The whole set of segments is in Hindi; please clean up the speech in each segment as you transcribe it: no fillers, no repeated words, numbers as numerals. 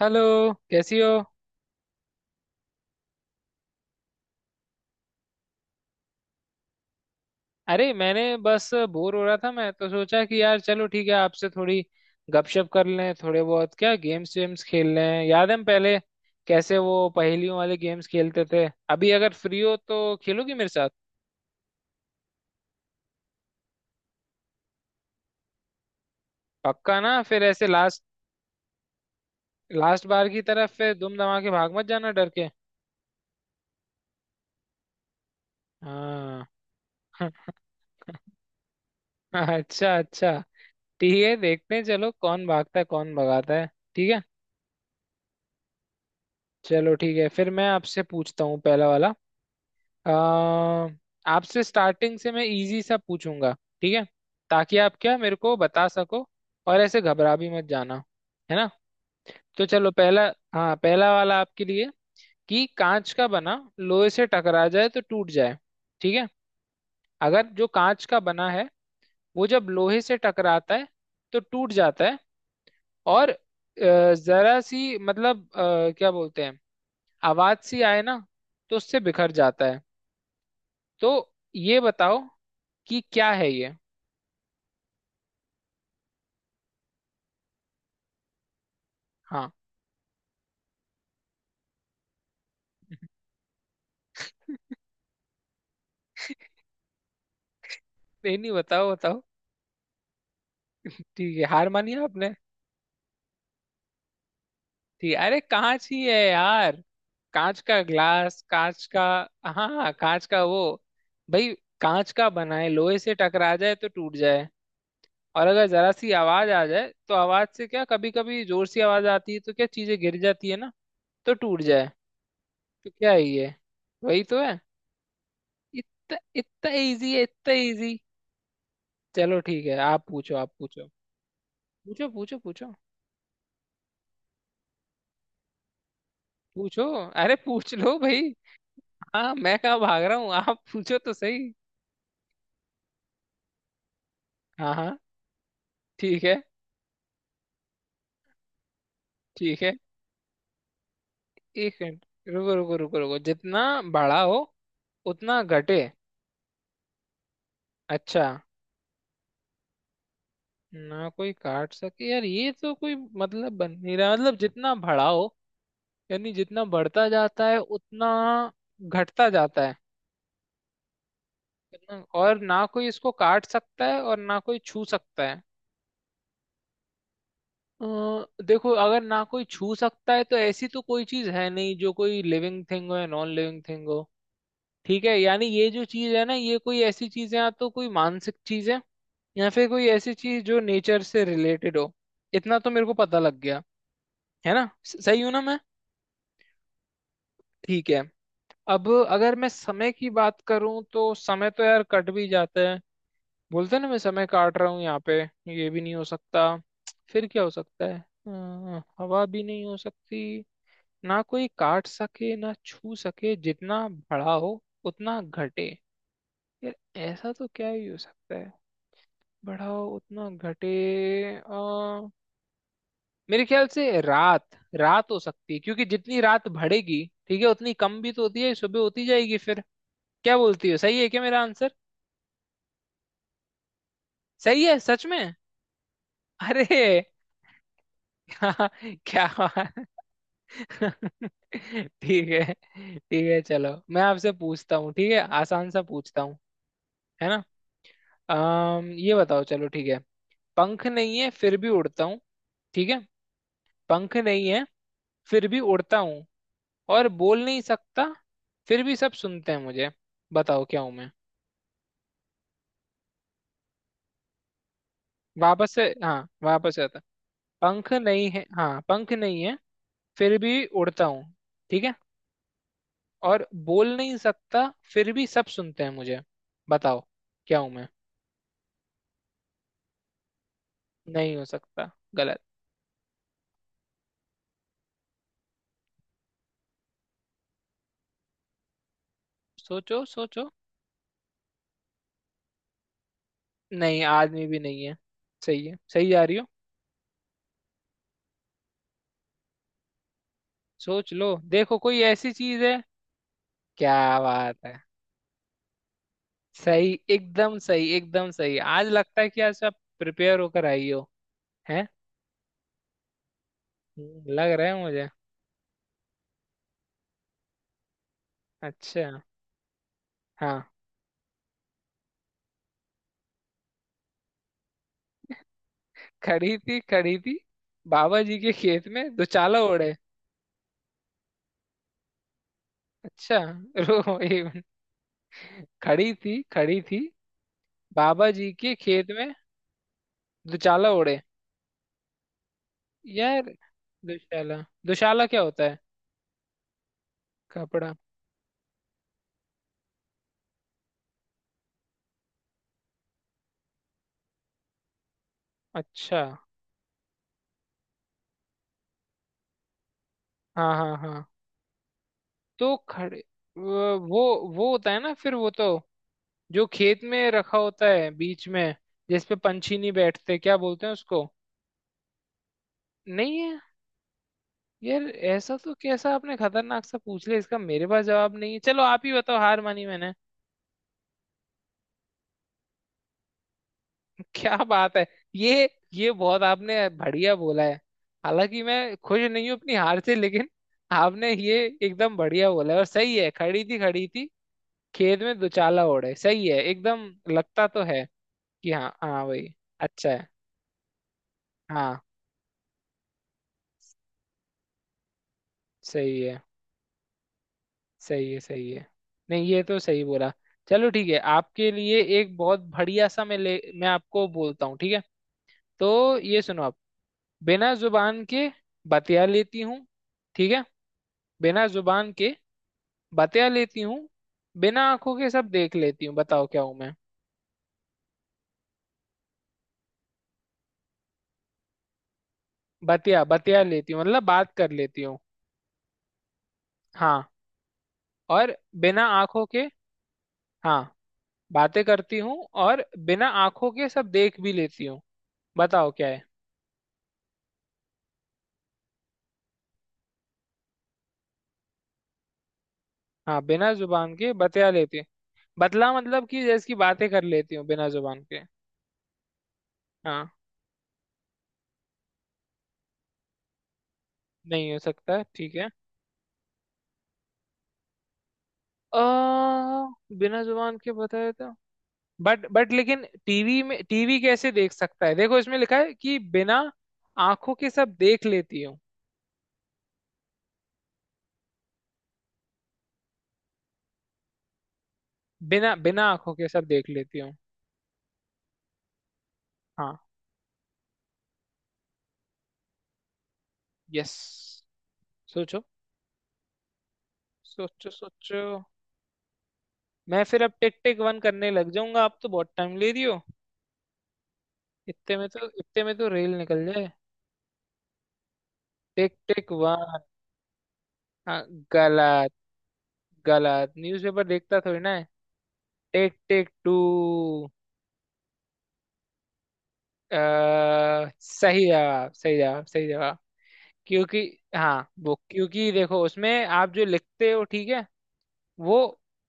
हेलो। कैसी हो? अरे मैंने बस बोर हो रहा था, मैं तो सोचा कि यार चलो ठीक है आपसे थोड़ी गपशप कर लें, थोड़े बहुत क्या गेम्स वेम्स खेल लें। याद है हम पहले कैसे वो पहेलियों वाले गेम्स खेलते थे? अभी अगर फ्री हो तो खेलोगी मेरे साथ? पक्का ना? फिर ऐसे लास्ट लास्ट बार की तरफ फिर दुम दमा के भाग मत जाना डर के। हाँ। अच्छा अच्छा। ठीक है देखते हैं, चलो कौन भागता है कौन भगाता है। ठीक है चलो ठीक है, फिर मैं आपसे पूछता हूँ पहला वाला। अ, आपसे स्टार्टिंग से मैं इजी सा पूछूंगा, ठीक है, ताकि आप क्या मेरे को बता सको, और ऐसे घबरा भी मत जाना, है ना? तो चलो पहला। हाँ पहला वाला आपके लिए कि कांच का बना लोहे से टकरा जाए तो टूट जाए, ठीक है? अगर जो कांच का बना है वो जब लोहे से टकराता है तो टूट जाता है, और जरा सी, मतलब क्या बोलते हैं आवाज सी आए ना, तो उससे बिखर जाता है। तो ये बताओ कि क्या है ये। हाँ नहीं नहीं, बताओ बताओ। ठीक है, हार मानी आपने? ठीक है, अरे कांच ही है यार, कांच का ग्लास, कांच का। हाँ हाँ, कांच का वो भाई, कांच का बना है, लोहे से टकरा जाए तो टूट जाए, और अगर जरा सी आवाज आ जाए तो आवाज से क्या, कभी कभी जोर से आवाज आती है तो क्या चीजें गिर जाती है ना, तो टूट जाए। तो क्या ही है, वही तो है। इतना इतना इजी है, इतना इजी। चलो ठीक है, आप पूछो आप पूछो। पूछो पूछो पूछो पूछो। अरे पूछ लो भाई। हाँ मैं कहाँ भाग रहा हूँ, आप पूछो तो सही। हाँ हाँ, ठीक है ठीक है। एक मिनट, रुको रुको रुको रुको। जितना बड़ा हो उतना घटे? अच्छा। ना कोई काट सके? यार ये तो कोई मतलब बन नहीं रहा। मतलब जितना बड़ा हो, यानी जितना बढ़ता जाता है उतना घटता जाता है, और ना कोई इसको काट सकता है और ना कोई छू सकता है। अ, देखो अगर ना कोई छू सकता है तो ऐसी तो कोई चीज है नहीं जो कोई लिविंग थिंग हो या नॉन लिविंग थिंग हो, ठीक है? यानी ये जो चीज है ना, ये कोई ऐसी चीज है, या तो कोई मानसिक चीज है या फिर कोई ऐसी चीज जो नेचर से रिलेटेड हो। इतना तो मेरे को पता लग गया है ना। सही हूं ना मैं? ठीक है। अब अगर मैं समय की बात करूं तो समय तो यार कट भी जाता है, बोलते हैं ना मैं समय काट रहा हूँ यहाँ पे, ये भी नहीं हो सकता। फिर क्या हो सकता है? हवा भी नहीं हो सकती। ना कोई काट सके ना छू सके, जितना बढ़ा हो उतना घटे। यार ऐसा तो क्या ही हो सकता है? बढ़ाओ उतना घटे। आ, मेरे ख्याल से रात रात हो सकती है, क्योंकि जितनी रात बढ़ेगी ठीक है उतनी कम भी तो होती है, सुबह होती जाएगी फिर। क्या बोलती हो, सही है क्या मेरा आंसर? सही है सच में? अरे क्या क्या बात। ठीक है ठीक है, चलो मैं आपसे पूछता हूँ, ठीक है, आसान सा पूछता हूँ, है ना? अम ये बताओ, चलो ठीक है। पंख नहीं है फिर भी उड़ता हूँ, ठीक है? पंख नहीं है फिर भी उड़ता हूँ, और बोल नहीं सकता फिर भी सब सुनते हैं मुझे। बताओ क्या हूं मैं। वापस से? हाँ वापस से आता। पंख नहीं है, हाँ, पंख नहीं है फिर भी उड़ता हूँ, ठीक है, और बोल नहीं सकता फिर भी सब सुनते हैं मुझे। बताओ क्या हूं मैं। नहीं हो सकता, गलत। सोचो सोचो। नहीं आदमी भी नहीं है, सही है, सही जा रही हो। सोच लो देखो, कोई ऐसी चीज है। क्या बात है, सही, एकदम सही, एकदम सही। आज लगता है कि आज आप प्रिपेयर होकर आई हो, है? लग रहा है मुझे। अच्छा। हाँ खड़ी थी बाबा जी के खेत में दुचाला ओढ़े। अच्छा रुको एक मिनट। खड़ी थी बाबा जी के खेत में दुचाला ओढ़े। यार दुशाला, दुशाला क्या होता है? कपड़ा, अच्छा। हाँ हाँ हाँ। तो खड़े वो वो वो होता है ना, फिर वो तो जो खेत में रखा होता है बीच में जिसपे पंछी नहीं बैठते, क्या बोलते हैं उसको? नहीं है? यार ऐसा तो कैसा आपने खतरनाक सा पूछ लिया, इसका मेरे पास जवाब नहीं है, चलो आप ही बताओ, हार मानी मैंने। क्या बात है, ये ये बहुत आपने बढ़िया बोला है। हालांकि मैं खुश नहीं हूं अपनी हार से, लेकिन आपने ये एकदम बढ़िया बोला है और सही है। खड़ी थी खेत में दुचाला ओढ़े, सही है एकदम। लगता तो है कि हाँ हाँ भाई, अच्छा है, हाँ। सही है सही है सही है, नहीं ये तो सही बोला। चलो ठीक है, आपके लिए एक बहुत बढ़िया सा मैं आपको बोलता हूँ, ठीक है। तो ये सुनो आप। बिना जुबान के बतिया लेती हूँ, ठीक है। बिना जुबान के बतिया लेती हूँ, बिना आंखों के सब देख लेती हूँ, बताओ क्या हूँ मैं। बतिया बतिया लेती हूँ मतलब बात कर लेती हूँ, हाँ। और बिना आंखों के, हाँ, बातें करती हूँ, और बिना आंखों के सब देख भी लेती हूँ, बताओ क्या है। हाँ बिना जुबान के बतिया लेती हूँ, बतला मतलब कि जैसे कि बातें कर लेती हूँ बिना जुबान के। हाँ नहीं हो सकता, ठीक है। आ, बिना जुबान के बताया था। बट लेकिन टीवी में, टीवी कैसे देख सकता है? देखो इसमें लिखा है कि बिना आंखों के सब देख लेती हूँ। बिना बिना आंखों के सब देख लेती हूँ, हाँ यस। सोचो सोचो सोचो। मैं फिर अब टिक टिक वन करने लग जाऊंगा, आप तो बहुत टाइम ले रही हो। इतने में तो रेल निकल जाए। टिक टिक वन। हाँ गलत, गलत, न्यूज़पेपर देखता थोड़ी ना है। टिक टिक टू। अ, सही जवाब सही जवाब सही जवाब। क्योंकि, हाँ वो, क्योंकि देखो उसमें आप जो लिखते हो, ठीक है, वो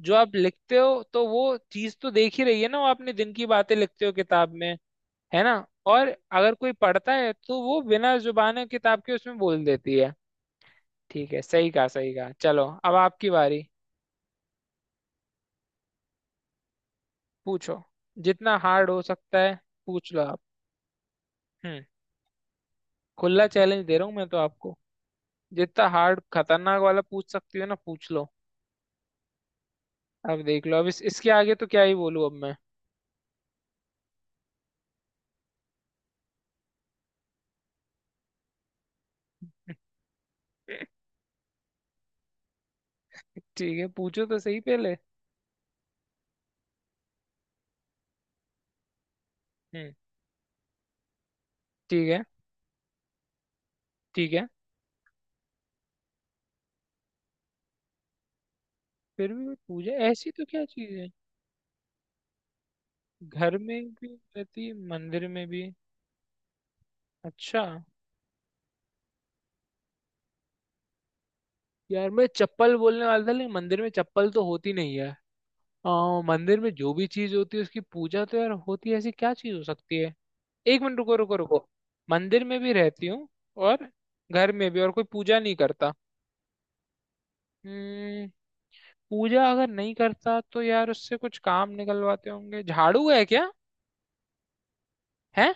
जो आप लिखते हो तो वो चीज तो देख ही रही है ना, वो आपने दिन की बातें लिखते हो किताब में, है ना, और अगर कोई पढ़ता है तो वो बिना जुबान किताब के उसमें बोल देती है, ठीक है, सही कहा सही कहा। चलो अब आपकी बारी, पूछो जितना हार्ड हो सकता है, पूछ लो आप। हम्म। खुला चैलेंज दे रहा हूँ मैं तो आपको, जितना हार्ड खतरनाक वाला पूछ सकती हो ना पूछ लो। अब देख लो अब इसके आगे तो क्या ही बोलूं अब मैं। ठीक है, पूछो तो सही पहले। हम्म। ठीक है ठीक है। फिर भी वो पूजा, ऐसी तो क्या चीज है? घर में भी रहती है, मंदिर में भी, अच्छा। यार मैं चप्पल बोलने वाला था, लेकिन मंदिर में चप्पल तो होती नहीं है। मंदिर में जो भी चीज होती है उसकी पूजा तो यार होती है, ऐसी क्या चीज हो सकती है? एक मिनट रुको रुको रुको। मंदिर में भी रहती हूँ और घर में भी, और कोई पूजा नहीं करता। हम्म। पूजा अगर नहीं करता तो यार उससे कुछ काम निकलवाते होंगे, झाड़ू है क्या? है।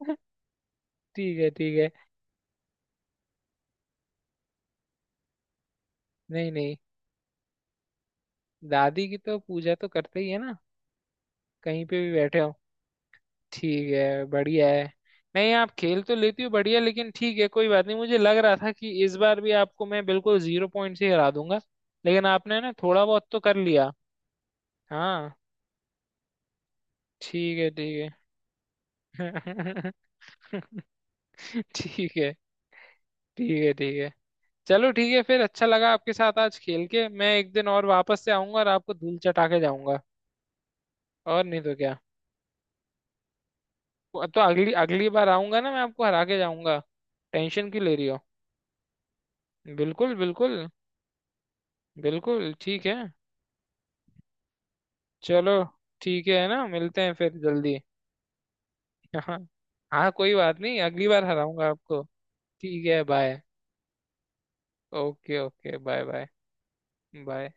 ठीक है ठीक है। नहीं नहीं, दादी की तो पूजा तो करते ही है ना, कहीं पे भी बैठे हो। ठीक है, बढ़िया है। नहीं आप खेल तो लेती हो बढ़िया, लेकिन ठीक है कोई बात नहीं, मुझे लग रहा था कि इस बार भी आपको मैं बिल्कुल जीरो पॉइंट से हरा दूंगा, लेकिन आपने ना थोड़ा बहुत तो कर लिया। हाँ, ठीक है ठीक है। ठीक है ठीक है ठीक है। चलो ठीक है फिर, अच्छा लगा आपके साथ आज खेल के, मैं एक दिन और वापस से आऊंगा और आपको धूल चटा के जाऊंगा। और नहीं तो क्या, तो अगली अगली बार आऊंगा ना, मैं आपको हरा के जाऊंगा, टेंशन क्यों ले रही हो? बिल्कुल बिल्कुल बिल्कुल ठीक है। चलो ठीक है ना, मिलते हैं फिर जल्दी। हाँ। हाँ कोई बात नहीं, अगली बार हराऊंगा आपको। ठीक है bye. Okay okay bye bye bye.